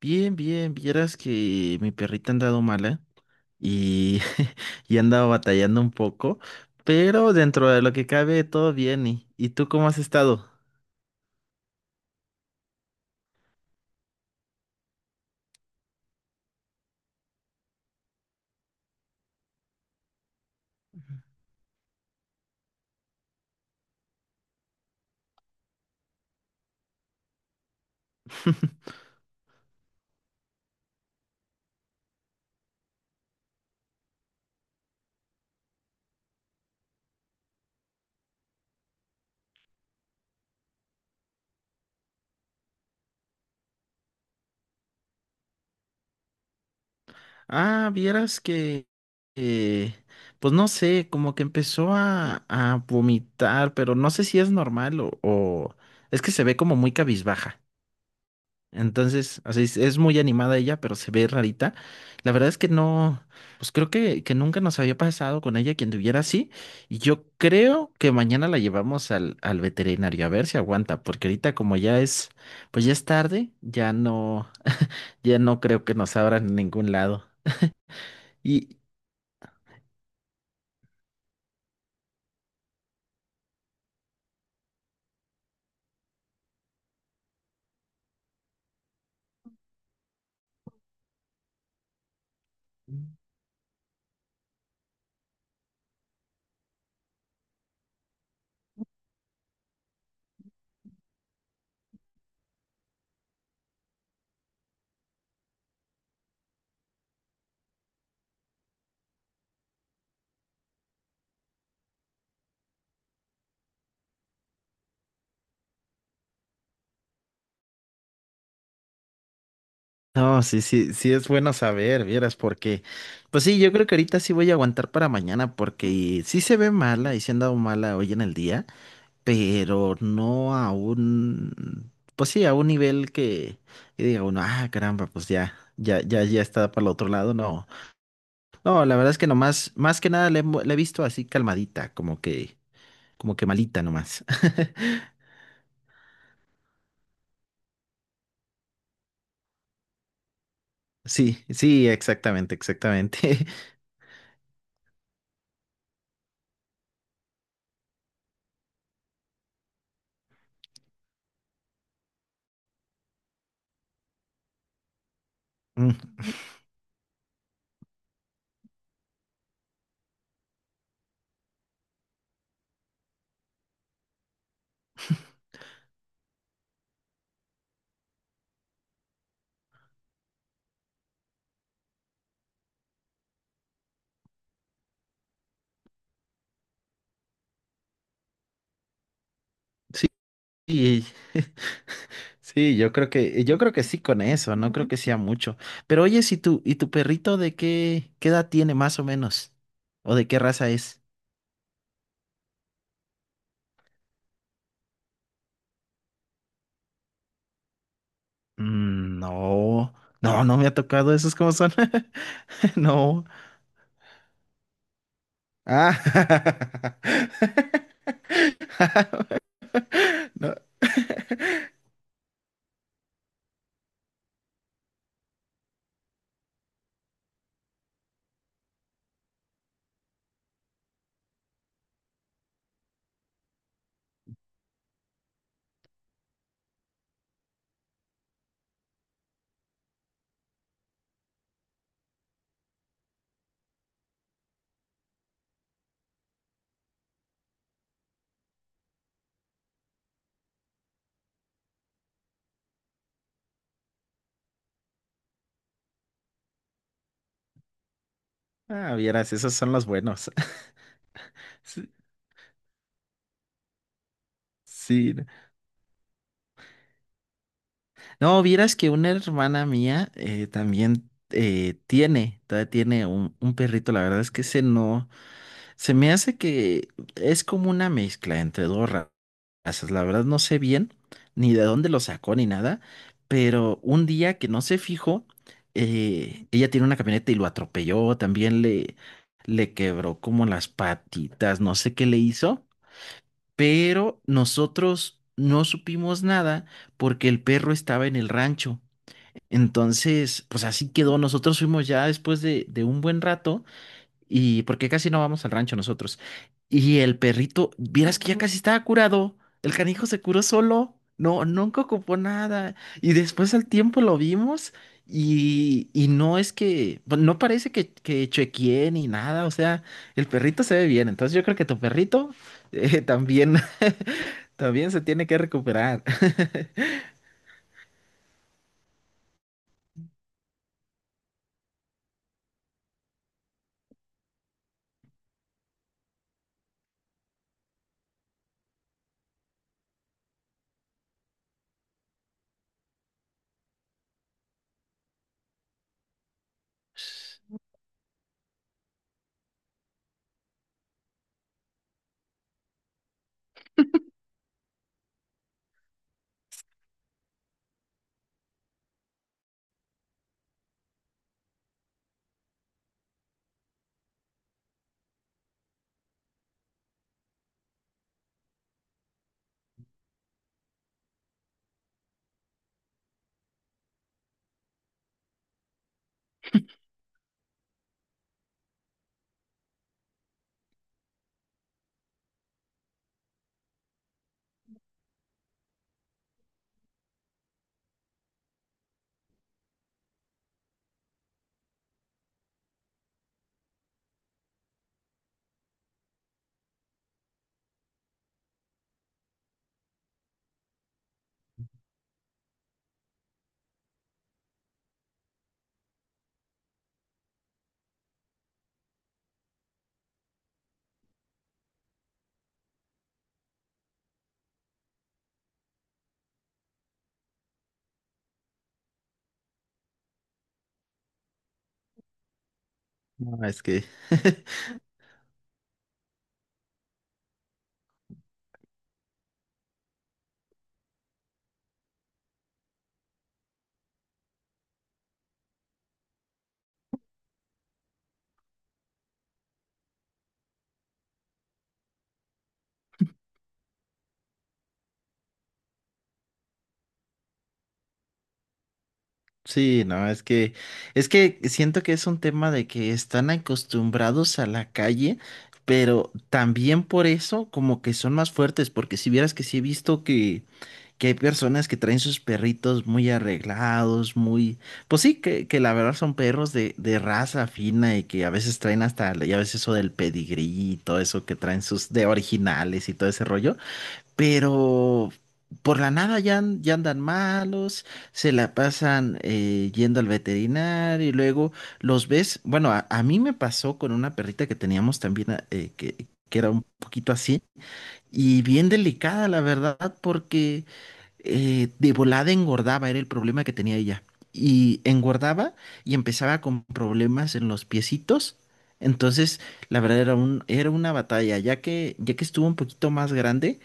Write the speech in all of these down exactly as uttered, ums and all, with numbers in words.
Bien, bien, vieras que mi perrita ha andado mala y, y ha andado batallando un poco, pero dentro de lo que cabe todo bien. ¿Y, y tú cómo has estado? Ah, vieras que, eh, pues no sé, como que empezó a, a vomitar, pero no sé si es normal o, o- es que se ve como muy cabizbaja. Entonces, así es, es muy animada ella, pero se ve rarita. La verdad es que no, pues creo que, que nunca nos había pasado con ella quien tuviera así. Y yo creo que mañana la llevamos al, al veterinario a ver si aguanta, porque ahorita como ya es, pues ya es tarde, ya no, ya no creo que nos abran en ningún lado. Y no, sí, sí, sí es bueno saber, vieras, porque, pues sí, yo creo que ahorita sí voy a aguantar para mañana, porque sí se ve mala y se ha andado mala hoy en el día. Pero no a un, pues sí, a un nivel que, que diga uno, ah, caramba, pues ya, ya, ya, ya está para el otro lado, no. No, la verdad es que nomás, más que nada le, he mo- la he visto así calmadita, como que, como que malita nomás. Sí, sí, exactamente, exactamente. Mm. Sí, y- sí, yo creo que, yo creo que sí con eso, no creo que sea mucho. Pero oye, si tu, ¿y tu perrito de qué, qué edad tiene más o menos? ¿O de qué raza es? Mm. No, no, no me ha tocado esos cómo son. No. Ah. No. Ah, vieras, esos son los buenos. Sí, sí. No. No, vieras que una hermana mía eh, también eh, tiene, todavía tiene un, un perrito. La verdad es que ese no. Se me hace que es como una mezcla entre dos ra- razas. La verdad no sé bien ni de dónde lo sacó ni nada, pero un día que no se fijó, eh, ella tiene una camioneta y lo atropelló, también le, le quebró como las patitas, no sé qué le hizo, pero nosotros no supimos nada porque el perro estaba en el rancho. Entonces, pues así quedó. Nosotros fuimos ya después de, de un buen rato. Y porque casi no vamos al rancho nosotros. Y el perrito, vieras que ya casi estaba curado. El canijo se curó solo. No, nunca ocupó nada. Y después al tiempo lo vimos y, y no es que, bu- no parece que, que chequee ni nada. O sea, el perrito se ve bien. Entonces yo creo que tu perrito eh, también, también se tiene que recuperar. No, es que... Sí, no, es que, es que siento que es un tema de que están acostumbrados a la calle, pero también por eso como que son más fuertes, porque si vieras que sí he visto que, que hay personas que traen sus perritos muy arreglados, muy, pues sí, que, que la verdad son perros de, de raza fina y que a veces traen hasta, ya ves eso del pedigrí y todo eso que traen sus de originales y todo ese rollo, pero por la nada ya, an- ya andan malos, se la pasan eh, yendo al veterinario y luego los ves. Bueno, a, a mí me pasó con una perrita que teníamos también, eh, que, que era un poquito así, y bien delicada, la verdad, porque eh, de volada engordaba, era el problema que tenía ella. Y engordaba y empezaba con problemas en los piecitos. Entonces, la verdad era un, era una batalla, ya que, ya que estuvo un poquito más grande,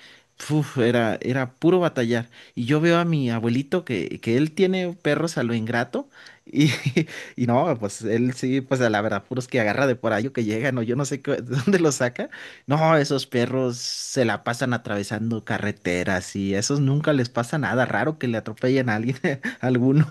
uf, era, era puro batallar. Y yo veo a mi abuelito que, que él tiene perros a lo ingrato. Y, y no, pues él sí, pues a la verdad, puros que agarra de por ahí o que llegan, o yo no sé qué- dónde los saca. No, esos perros se la pasan atravesando carreteras y a esos nunca les pasa nada. Raro que le atropellen a alguien, a alguno.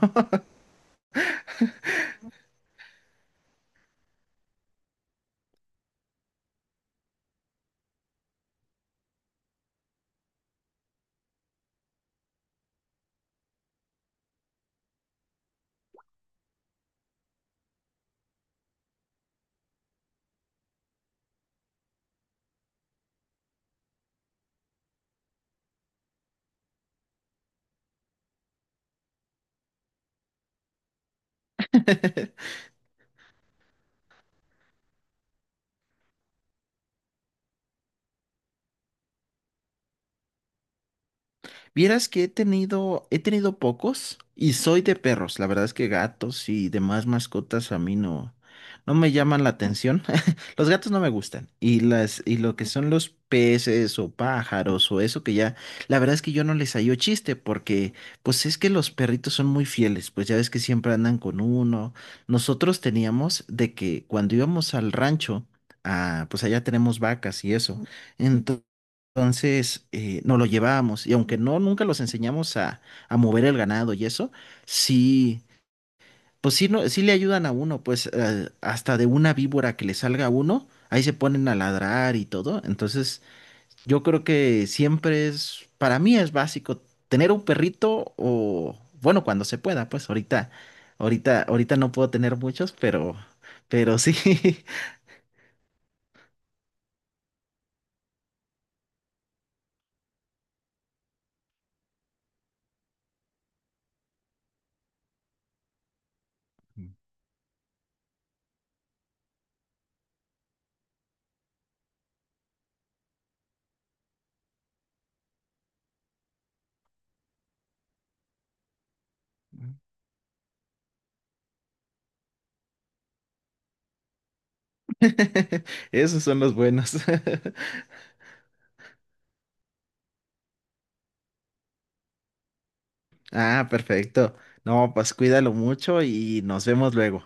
Vieras que he tenido, he tenido pocos y soy de perros. La verdad es que gatos y demás mascotas a mí no, no me llaman la atención. Los gatos no me gustan. Y las, y lo que son los peces o pájaros o eso que ya, la verdad es que yo no les hallo chiste porque pues es que los perritos son muy fieles. Pues ya ves que siempre andan con uno. Nosotros teníamos de que cuando íbamos al rancho, ah, pues allá tenemos vacas y eso. Entonces, entonces, eh, nos lo llevábamos y aunque no, nunca los enseñamos a, a mover el ganado y eso, sí, pues sí, no, sí le ayudan a uno, pues eh, hasta de una víbora que le salga a uno, ahí se ponen a ladrar y todo. Entonces, yo creo que siempre es, para mí es básico tener un perrito o, bueno, cuando se pueda, pues ahorita, ahorita, ahorita no puedo tener muchos, pero, pero sí, esos son los buenos. Ah, perfecto. No, pues cuídalo mucho y nos vemos luego.